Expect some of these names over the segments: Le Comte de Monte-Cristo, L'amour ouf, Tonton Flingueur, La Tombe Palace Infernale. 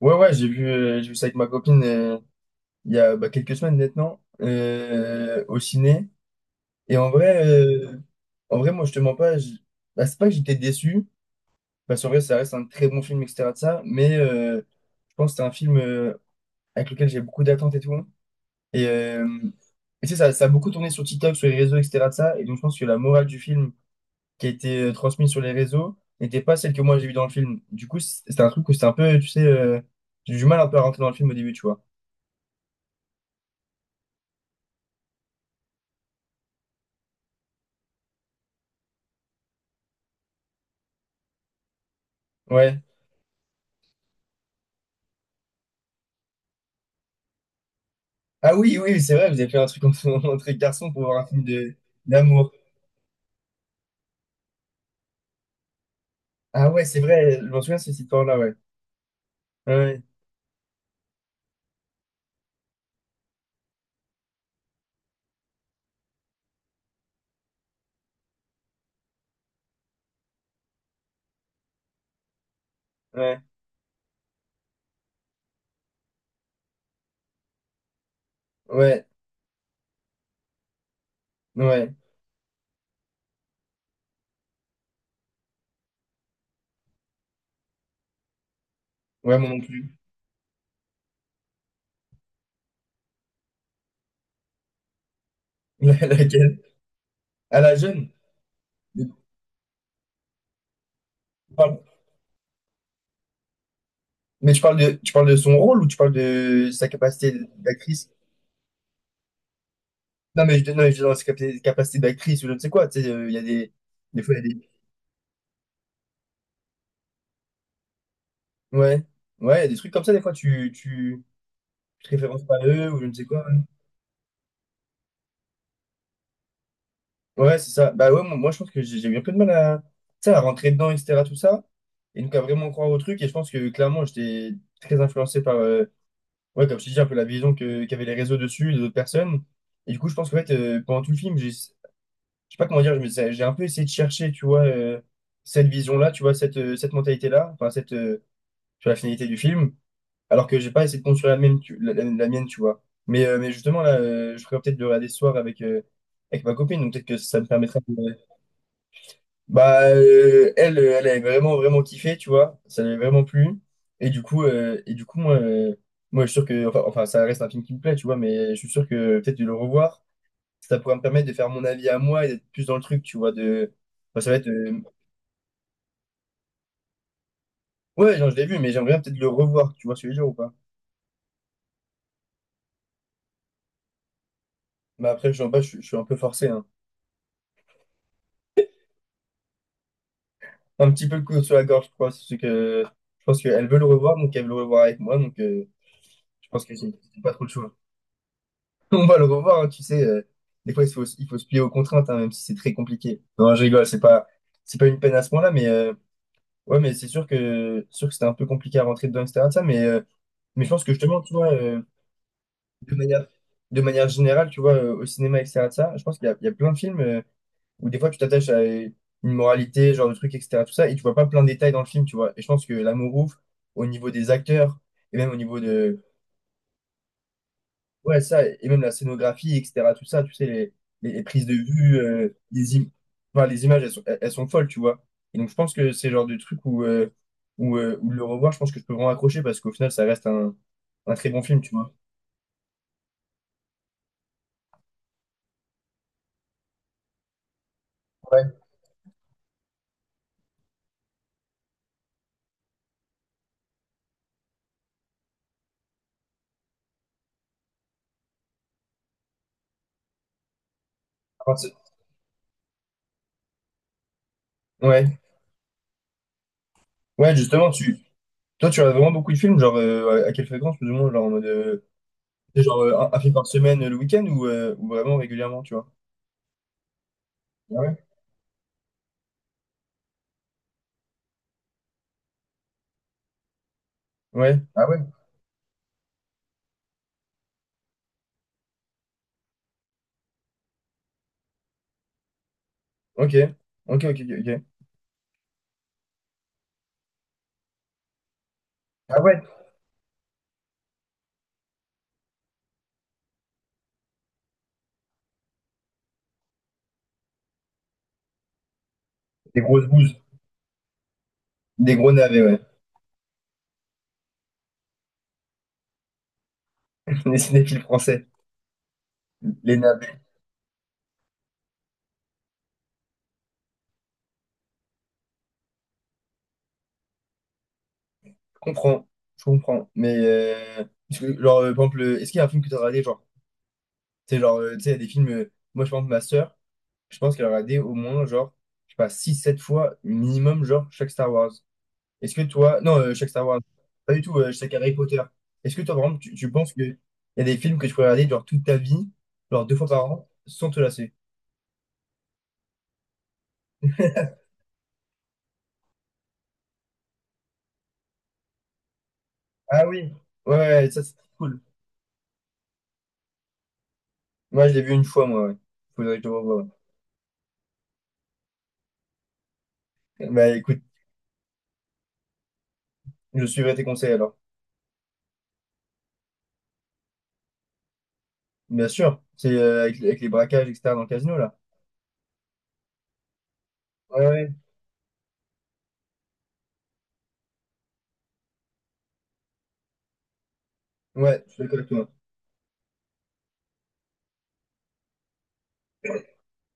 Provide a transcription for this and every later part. Ouais, ouais, j'ai vu ça avec ma copine il y a bah, quelques semaines maintenant au ciné. Et en vrai, moi, je te mens pas. Bah, c'est pas que j'étais déçu, parce qu'en vrai, ça reste un très bon film, etc. de ça, mais je pense que c'est un film avec lequel j'ai beaucoup d'attentes et tout. Et, euh, et, tu sais, ça a beaucoup tourné sur TikTok, sur les réseaux, etc. de ça. Et donc, je pense que la morale du film qui a été transmise sur les réseaux n'était pas celle que moi j'ai vue dans le film. Du coup, c'était un truc où c'était un peu, tu sais, j'ai eu du mal un peu à rentrer dans le film au début, tu vois. Ouais. Ah oui, oui, c'est vrai, vous avez fait un truc entre, entre garçons pour voir un film de d'amour. Ah ouais, c'est vrai, je m'en souviens de cette histoire-là, ouais. Ouais, ouais, ouais, ouais, ouais, moi non plus. Laquelle? À la jeune? Mais tu parles, tu parles de son rôle ou tu parles de sa capacité d'actrice? Non, mais je dis dans sa capacité d'actrice ou je ne sais quoi, tu sais, il y a des fois, il y a des, ouais, ouais, il y a des trucs comme ça, des fois, tu te références pas à eux ou je ne sais quoi. Ouais, c'est ça. Bah ouais, moi, je pense que j'ai eu un peu de mal tu sais, à rentrer dedans, et cetera tout ça. Et donc à vraiment croire au truc. Et je pense que clairement, j'étais très influencé par, ouais, comme je te dis, un peu la vision qu'avaient les réseaux dessus, les autres personnes. Et du coup, je pense qu'en fait, pendant tout le film, je sais pas comment dire, j'ai un peu essayé de chercher, tu vois, cette vision-là, tu vois, cette mentalité-là, enfin, tu vois, la finalité du film. Alors que j'ai pas essayé de construire la mienne, la mienne, tu vois. Mais justement, là, je ferais peut-être de regarder ce soir avec ma copine. Donc peut-être que ça me permettra. Bah, elle avait vraiment, vraiment kiffé, tu vois. Ça lui avait vraiment plu. Et du coup, moi, je suis sûr que, enfin, ça reste un film qui me plaît, tu vois, mais je suis sûr que peut-être de le revoir, ça pourrait me permettre de faire mon avis à moi et d'être plus dans le truc, tu vois. Enfin, ça va être. Ouais, genre, je l'ai vu, mais j'aimerais bien peut-être le revoir, tu vois, ce que je veux dire ou pas. Mais après, je, pas, je suis un peu forcé, hein. Un petit peu le couteau sur la gorge, je crois. C'est que je pense qu'elle veut le revoir, donc elle veut le revoir avec moi, donc je pense que c'est pas trop le choix. On va le revoir, hein, tu sais. Des fois, il faut se plier aux contraintes, hein, même si c'est très compliqué. Non, je rigole, c'est pas une peine à ce point-là, mais ouais, mais c'est sûr que c'était un peu compliqué à rentrer dedans, etc. de ça, mais je pense que justement, tu vois, de manière, de manière générale, tu vois, au cinéma, etc. de ça, je pense qu'il y a plein de films où des fois tu t'attaches à une moralité, ce genre de truc, etc. tout ça, et tu vois pas plein de détails dans le film, tu vois. Et je pense que L'amour ouf, au niveau des acteurs, et même au niveau de. Ouais, ça, et même la scénographie, etc., tout ça, tu sais, les prises de vue, enfin, les images, elles sont, elles sont folles, tu vois. Et donc, je pense que c'est le genre de truc où le revoir, je pense que je peux vraiment accrocher parce qu'au final, ça reste un très bon film, tu vois. Ouais. Enfin, Ouais, ouais, justement, toi, tu as vraiment beaucoup de films, genre, à quelle fréquence, plus ou moins, genre, en mode, c'est genre, un film par semaine le week-end ou vraiment régulièrement, tu vois. Ah ouais? Ouais, ah ouais, ok, ok, ok, ok. Ok. Ah ouais, des grosses bouses, des gros navets, ouais. Les cinéphiles français, les navets. Je comprends, je comprends. Mais, parce que, genre, par exemple, est-ce qu'il y a un film que tu as regardé, genre, tu sais, il y a des films, moi, je pense, ma sœur, je pense qu'elle a regardé au moins, genre, je sais pas, six sept fois minimum, genre, chaque Star Wars. Est-ce que toi, non, chaque Star Wars, pas du tout, chaque Harry Potter. Est-ce que toi, vraiment, tu penses qu'il y a des films que tu pourrais regarder, genre, toute ta vie, genre, deux fois par an, sans te lasser? Ah oui, ouais, ouais, ça, c'est cool. Moi, je l'ai vu une fois, moi, ouais. Faudrait que je le revoie. Bah, écoute. Je suivrai tes conseils alors. Bien sûr, c'est avec les braquages, etc. dans le casino là. Ouais, ouais, ouais, je suis d'accord avec toi.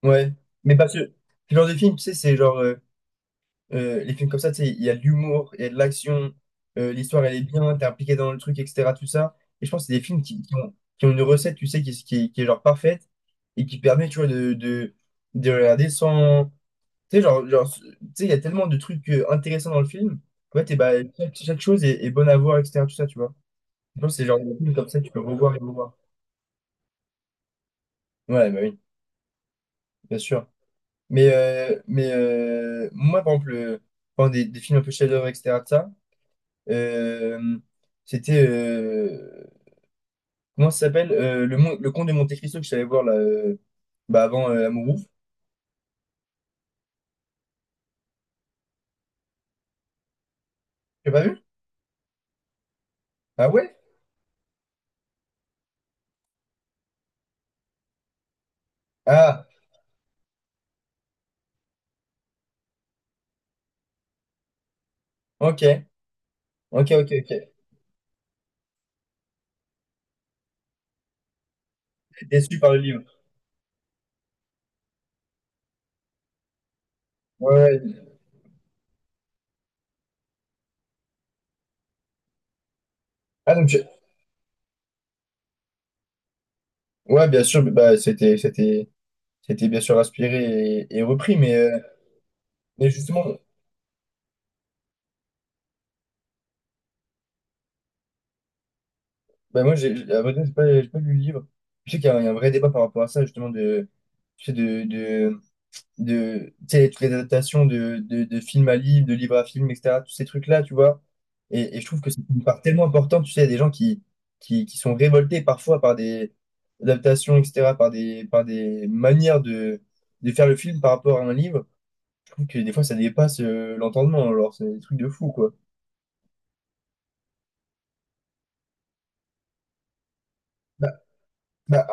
Ouais, mais parce que ce genre de film, tu sais, c'est genre les films comme ça, tu sais, il y a de l'humour, il y a de l'action, l'histoire elle est bien, t'es impliqué dans le truc, etc. Tout ça. Et je pense que c'est des films qui ont une recette, tu sais, qui est genre parfaite et qui permet, tu vois, de regarder sans. Tu sais, genre, genre, tu sais, il y a tellement de trucs intéressants dans le film. Ouais, et bah, chaque chose est bonne à voir, etc. tout ça, tu vois. Non, c'est le genre de film comme ça, tu peux revoir et revoir. Ouais, bah oui, bien sûr. Mais, moi, par exemple, pendant des films un peu chef-d'œuvre, etc., de ça, euh, c'était. Comment ça s'appelle? Le Comte de Monte-Cristo que je savais voir là, bah, avant Amour ouf. Tu l'as pas vu? Ah ouais? Ah, ok. Ok, ok, ok. Déçu par le livre. Ouais. Ouais. Ah, donc, ouais, bien sûr, bah, c'était bien sûr inspiré et repris, mais justement, bah moi, à vrai dire, j'ai pas lu le livre. Je sais qu'il y a un vrai débat par rapport à ça, justement, tu sais, de, de, de, tu sais, toutes les adaptations de film à livre, de livre à film, etc., tous ces trucs-là, tu vois. Et, je trouve que c'est une part tellement importante, tu sais, il y a des gens qui sont révoltés parfois par des adaptations, etc., par des manières de faire le film par rapport à un livre. Je trouve que des fois, ça dépasse l'entendement, alors c'est des trucs de fou, quoi. Bah, bah,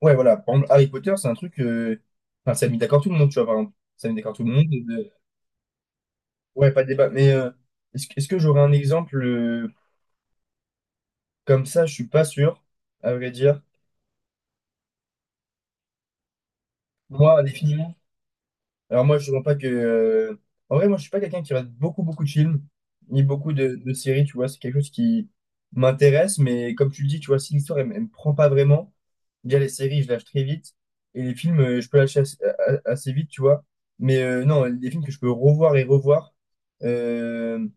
ouais, voilà. Par exemple, Harry Potter, c'est un truc. Enfin, ça a mis d'accord tout le monde, tu vois, par exemple. Ça a mis d'accord tout le monde. Ouais, pas de débat. Mais est-ce que j'aurais un exemple comme ça? Je suis pas sûr, à vrai dire. Moi, définitivement. Alors moi, je ne pas que. En vrai, moi, je suis pas quelqu'un qui regarde beaucoup, beaucoup de films, ni beaucoup de séries, tu vois. C'est quelque chose qui m'intéresse, mais comme tu le dis, tu vois, si l'histoire, elle, ne me prend pas vraiment, déjà les séries, je lâche très vite, et les films, je peux lâcher assez vite, tu vois. Mais non, les films que je peux revoir et revoir, euh,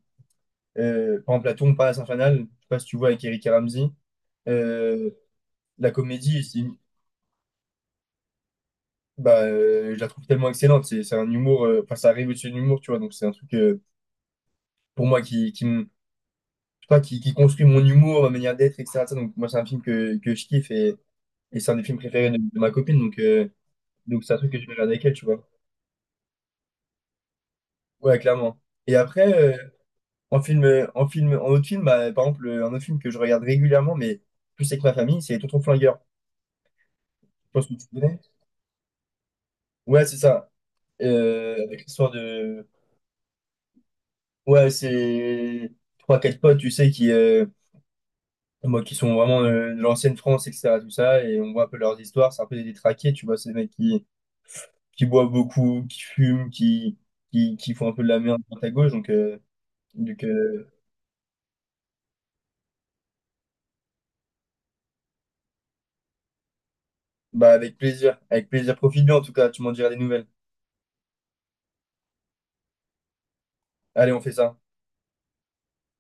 par exemple, La Tombe Palace Infernale, je sais pas si tu vois, avec Eric et Ramsey, euh, la comédie, bah, je la trouve tellement excellente, c'est un humour, enfin, ça arrive au-dessus de l'humour, tu vois, donc c'est un truc. Pour moi, je sais pas, qui construit mon humour, ma manière d'être, etc. Ça, donc, moi, c'est un film que je kiffe et c'est un des films préférés de ma copine. Donc c'est un truc que je vais regarder avec elle, tu vois. Ouais, clairement. Et après, en autre film, bah, par exemple, un autre film que je regarde régulièrement, mais plus avec ma famille, c'est Tonton Flingueur. Je pense que tu connais. Ouais, c'est ça. Avec l'histoire de. Ouais, c'est trois, quatre potes, tu sais, qui. Moi qui sont vraiment de l'ancienne France, etc. tout ça, et on voit un peu leurs histoires, c'est un peu des détraqués, tu vois, c'est des mecs qui boit beaucoup, qui fume, qui font un peu de la merde à droite à gauche. Donc, bah, avec plaisir. Avec plaisir. Profite bien, en tout cas. Tu m'en diras des nouvelles. Allez, on fait ça.